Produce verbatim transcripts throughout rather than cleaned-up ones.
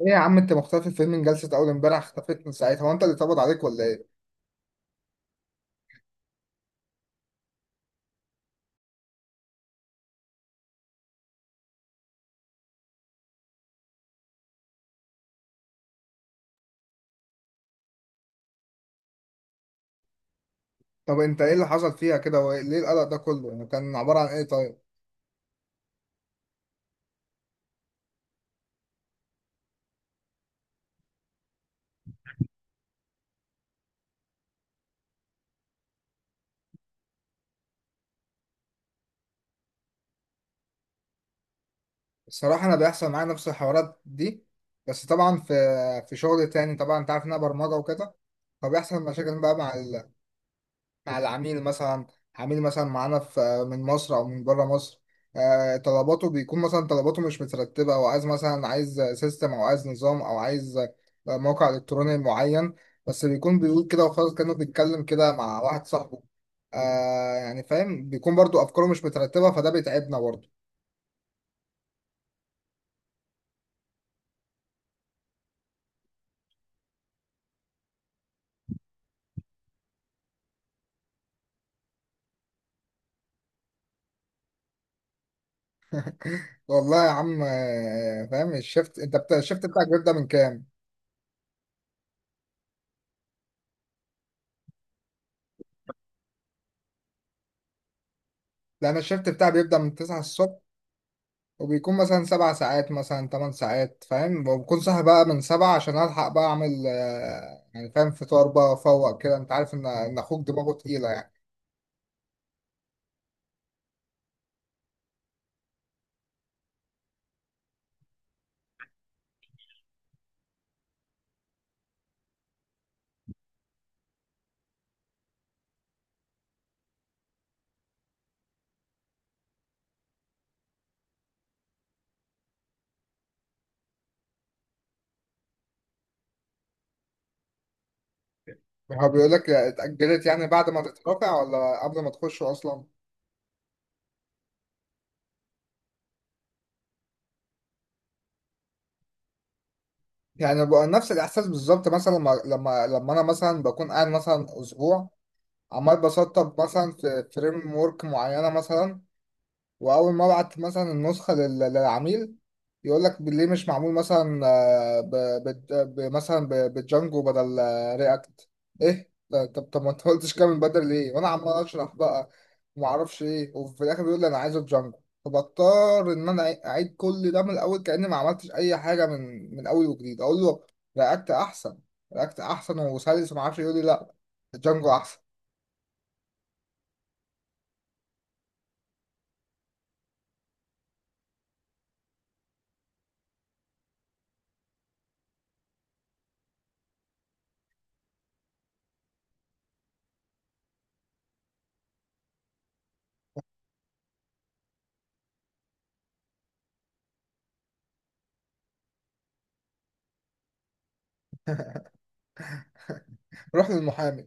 ايه يا عم انت مختفي فين من جلسة اول امبارح اختفيت من ساعتها هو انت اللي اتقبض عليك ولا ايه؟ طب انت ايه اللي حصل فيها كده وليه القلق ده كله؟ يعني كان عبارة عن ايه طيب؟ الصراحة انا بيحصل معايا نفس الحوارات دي بس طبعا في في شغل تاني طبعا انت عارف ان انا برمجة وكده فبيحصل مشاكل بقى مع مع العميل مثلا عميل مثلا معانا في من مصر او من بره مصر. آه، طلباته بيكون مثلا طلباته مش مترتبه او عايز مثلا عايز سيستم او عايز نظام او عايز آه، موقع الكتروني معين. بس بيكون بيقول كده وخلاص كانه بيتكلم كده مع واحد صاحبه. آه يعني فاهم، بيكون برضو افكاره مش مترتبه فده بيتعبنا برضو. والله يا عم، آه، فاهم. الشفت انت بتا... الشفت بتاعك بيبدأ من كام؟ لا انا الشفت بتاعي بيبدأ من تسعة الصبح، وبيكون مثلا سبع ساعات مثلا تمن ساعات فاهم، وبكون صاحي بقى من سبعة عشان ألحق بقى أعمل آه، يعني فاهم فطار بقى أفوق كده. أنت عارف إن إن أخوك دماغه تقيلة يعني. هو بيقول لك اتأجلت يعني بعد ما تترافع ولا قبل ما تخش أصلا؟ يعني بقى نفس الإحساس بالظبط مثلا لما لما لما أنا مثلا بكون قاعد مثلا أسبوع عمال بسطب مثلا في فريم ورك معينة مثلا، واول ما ابعت مثلا النسخه لل- للعميل يقول لك ليه مش معمول مثلا آه، ب... بت- ب... مثلا ب... بجانجو بدل آه، رياكت. ايه ده- طب طب ما انت قلتش كده من بدري ليه وانا عمال اشرح بقى وما اعرفش ايه، وفي الاخر بيقول لي انا عايزه بجانجو. فبضطر ان انا أع- اعيد كل ده من الاول كاني ما عملتش اي حاجه من من اول وجديد اقول له رياكت احسن. رياكت احسن وسلس، وما اعرفش يقول لي لا، جانجو احسن. روح للمحامي.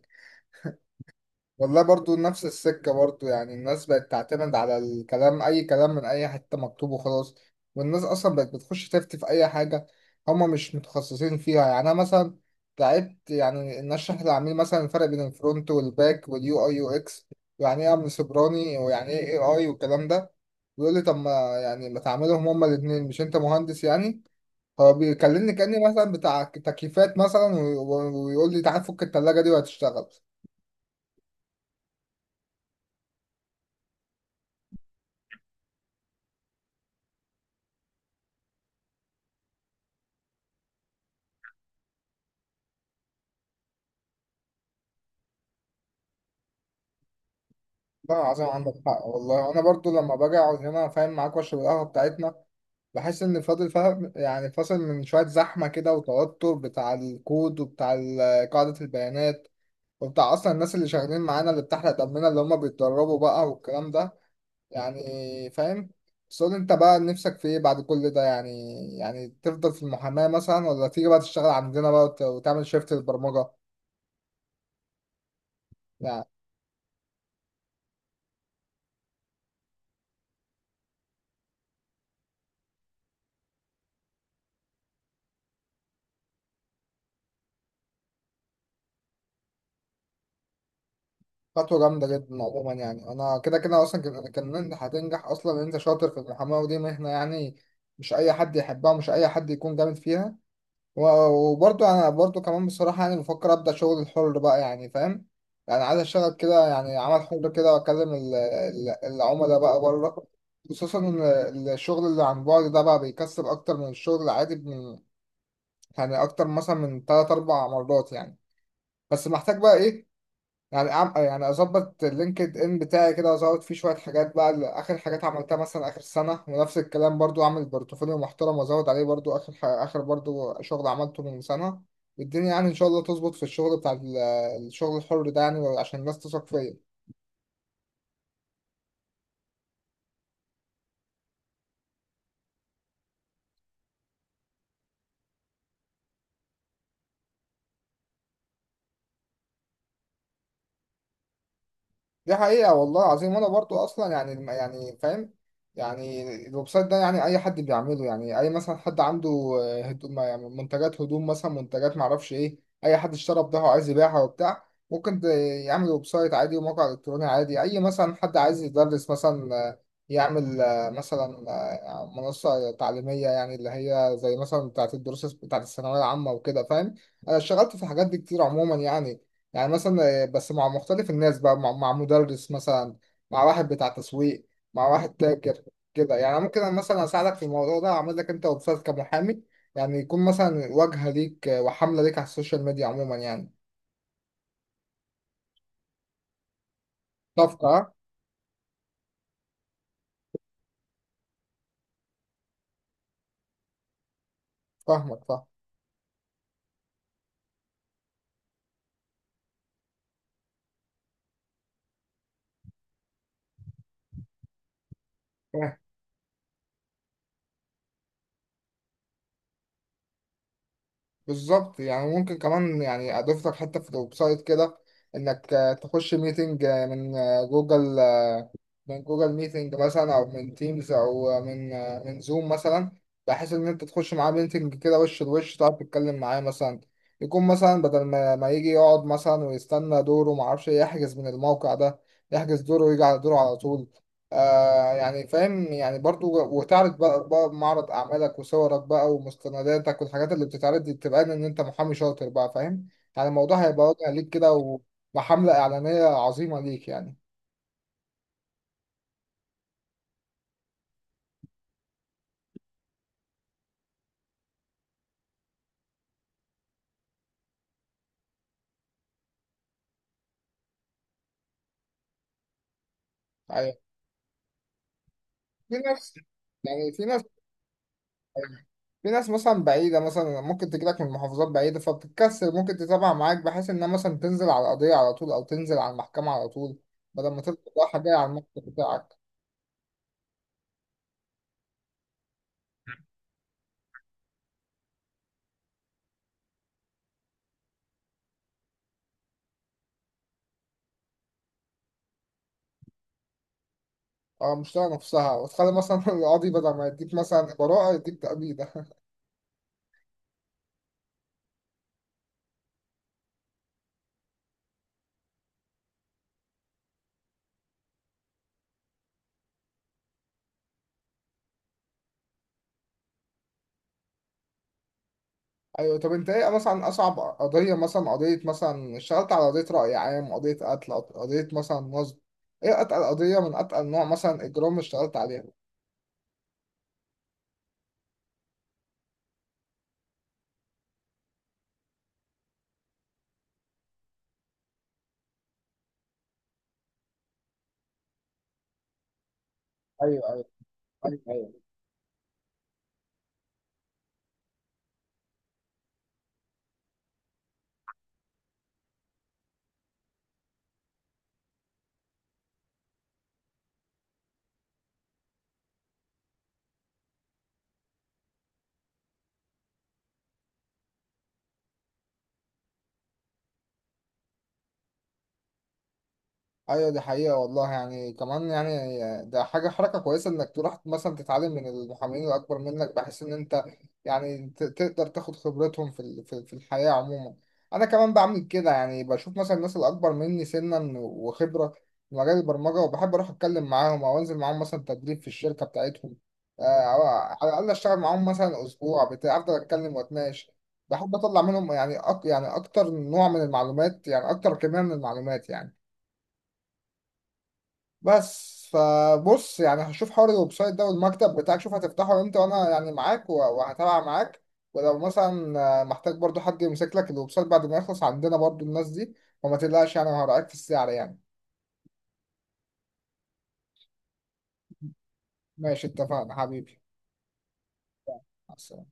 والله برضو نفس السكة برضو، يعني الناس بقت تعتمد على الكلام، أي كلام من أي حتة مكتوب وخلاص. والناس أصلا بقت بتخش تفتي في أي حاجة هما مش متخصصين فيها. يعني أنا مثلا تعبت يعني إن أشرح للعميل مثلا الفرق بين الفرونت والباك واليو أي يو إكس، ويعني إيه أمن سيبراني ويعني إيه إي آي والكلام ده. ويقول لي طب ما، يعني ما تعملهم هما الاتنين، مش أنت مهندس يعني؟ هو بيكلمني كأني مثلا بتاع تكييفات مثلا و- و- ويقول لي تعال فك التلاجة دي وهتشتغل. لا عظيم، عندك حق والله. انا برضو لما باجي اقعد هنا فاهم معاك واشرب القهوه بتاعتنا بحس ان فاضل فاهم يعني فاصل من شويه زحمه كده وتوتر بتاع الكود وبتاع ال- قاعده البيانات وبتاع اصلا الناس اللي شغالين معانا اللي بتحرق دمنا اللي هم بيتدربوا بقى والكلام ده، يعني فاهم. بس قول انت بقى نفسك في ايه بعد كل ده يعني؟ يعني تفضل في المحاماه مثلا، ولا تيجي بقى تشتغل عندنا بقى وت- وتعمل شيفت للبرمجه؟ خطوة جامدة جدا عموما. يعني أنا كده كده أصلا كان يعني كان إن أنت هتنجح أصلا، إن أنت شاطر في المحاماة، ودي مهنة يعني مش أي حد يحبها ومش أي حد يكون جامد فيها. و- وبرضه أنا برضه كمان بصراحة يعني بفكر أبدأ شغل الحر بقى، يعني فاهم، يعني عايز أشتغل كده يعني عمل حر كده وأكلم ال- ال- العملاء بقى بره. خصوصا إن ال- الشغل اللي عن بعد ده بقى بيكسب أكتر من الشغل العادي، من يعني أكتر مثلا من تلات أربع مرات يعني. بس محتاج بقى إيه، يعني أعم... يعني اظبط اللينكد ان بتاعي كده وازود فيه شويه حاجات بقى ل- اخر حاجات عملتها مثلا اخر سنه، ونفس الكلام برضو اعمل بورتفوليو محترم وازود عليه برضو اخر ح... اخر برضو شغل عملته من سنه. والدنيا يعني ان شاء الله تظبط في الشغل بتاع ال- الشغل الحر ده يعني، عشان الناس تثق فيا. دي حقيقة والله العظيم. وأنا برضو أصلا يعني الم- يعني فاهم، يعني الويب سايت ده يعني أي حد بيعمله، يعني أي مثلا حد عنده آه، هدوم يعني منتجات هدوم مثلا، منتجات معرفش إيه، أي حد اشترى بضاعة وعايز يبيعها وبتاع، ممكن ت- يعمل ويب سايت عادي وموقع إلكتروني عادي. أي مثلا حد عايز يدرس مثلا آه، يعمل آه، مثلا آه، منصة تعليمية، يعني اللي هي زي مثلا بتاعة الدروس بتاعة الثانوية العامة وكده فاهم. أنا اشتغلت في الحاجات دي كتير عموما يعني، يعني مثلا آه، بس مع مختلف الناس بقى، مع, مع مدرس مثلا، مع واحد بتاع تسويق، مع واحد تاجر، كده يعني. ممكن أنا مثلا اساعدك في الموضوع ده، اعمل لك انت ويب سايت كمحامي، يعني يكون مثلا واجهه ليك آه، وحمله ليك على السوشيال ميديا عموما يعني. صفقه آه؟ فاهمك فاهم. فاهم. بالظبط، يعني ممكن كمان يعني اضيف لك حته في الويب سايت كده انك آه، تخش ميتنج آه، من آه، جوجل، من جوجل ميتنج مثلا او من تيمز او من من زوم مثلا، بحيث ان انت تخش معاه ميتنج كده وش لوش تعرف تتكلم معاه مثلا. يكون مثلا بدل ما, ما يجي يقعد مثلا ويستنى دوره ما اعرفش إيه، يحجز من الموقع ده، يحجز دوره ويجي على دوره على طول. آه يعني فاهم يعني برضو، وتعرض بقى, بقى معرض اعمالك وصورك بقى ومستنداتك، والحاجات اللي بتتعرض دي بتبقى ان انت محامي شاطر بقى فاهم، يعني الموضوع هيبقى واضح ليك كده. وحملة اعلانية عظيمة ليك يعني. أيوة. في ناس يعني في ناس في ناس مثلا بعيدة مثلا ممكن تجيلك من محافظات بعيدة فبتتكسر، ممكن تتابع معاك بحيث إنها مثلا تنزل على القضية على طول، أو تنزل على المحكمة على طول، بدل ما تفضل رايحة جاية على المكتب بتاعك. أه مش طايقة نفسها، وتخلي مثلا القاضي بدل ما يديك مثلا براءة يديك تأبيدة. أيوة. طب أنت إيه مثلا أصعب قضية، مثلا قضية مثلا اشتغلت على قضية رأي عام، قضية قتل، قضية مثلا نصب، إيه أتقل قضية من أتقل نوع مثلا إجرام اشتغلت عليها؟ أيوه. أيوه. أيوه. ايوه دي حقيقة والله. يعني كمان يعني ده حاجة حركة كويسة انك تروح مثلا تتعلم من المحامين الاكبر منك، بحيث ان انت يعني ت- تقدر تاخد خبرتهم في ال- في في الحياة عموما. انا كمان بعمل كده، يعني بشوف مثلا الناس الاكبر مني سنا وخبرة في مجال البرمجة، وبحب اروح اتكلم معاهم او انزل معاهم مثلا تدريب في الشركة بتاعتهم، آه، او على الاقل اشتغل معاهم مثلا اسبوع بتاع، افضل اتكلم واتناقش. بحب اطلع منهم يعني أك يعني اكتر نوع من المعلومات يعني اكتر كمية من المعلومات يعني. بس فبص يعني هشوف حوار الويب سايت ده والمكتب بتاعك، شوف هتفتحه امتى وانا يعني معاك و- وهتابع معاك. ولو مثلا آه، محتاج برضو حد يمسك لك الويب سايت بعد ما يخلص عندنا برضو الناس دي، وما تقلقش يعني وهراعيك في السعر يعني. ماشي، اتفقنا حبيبي. مع السلامة.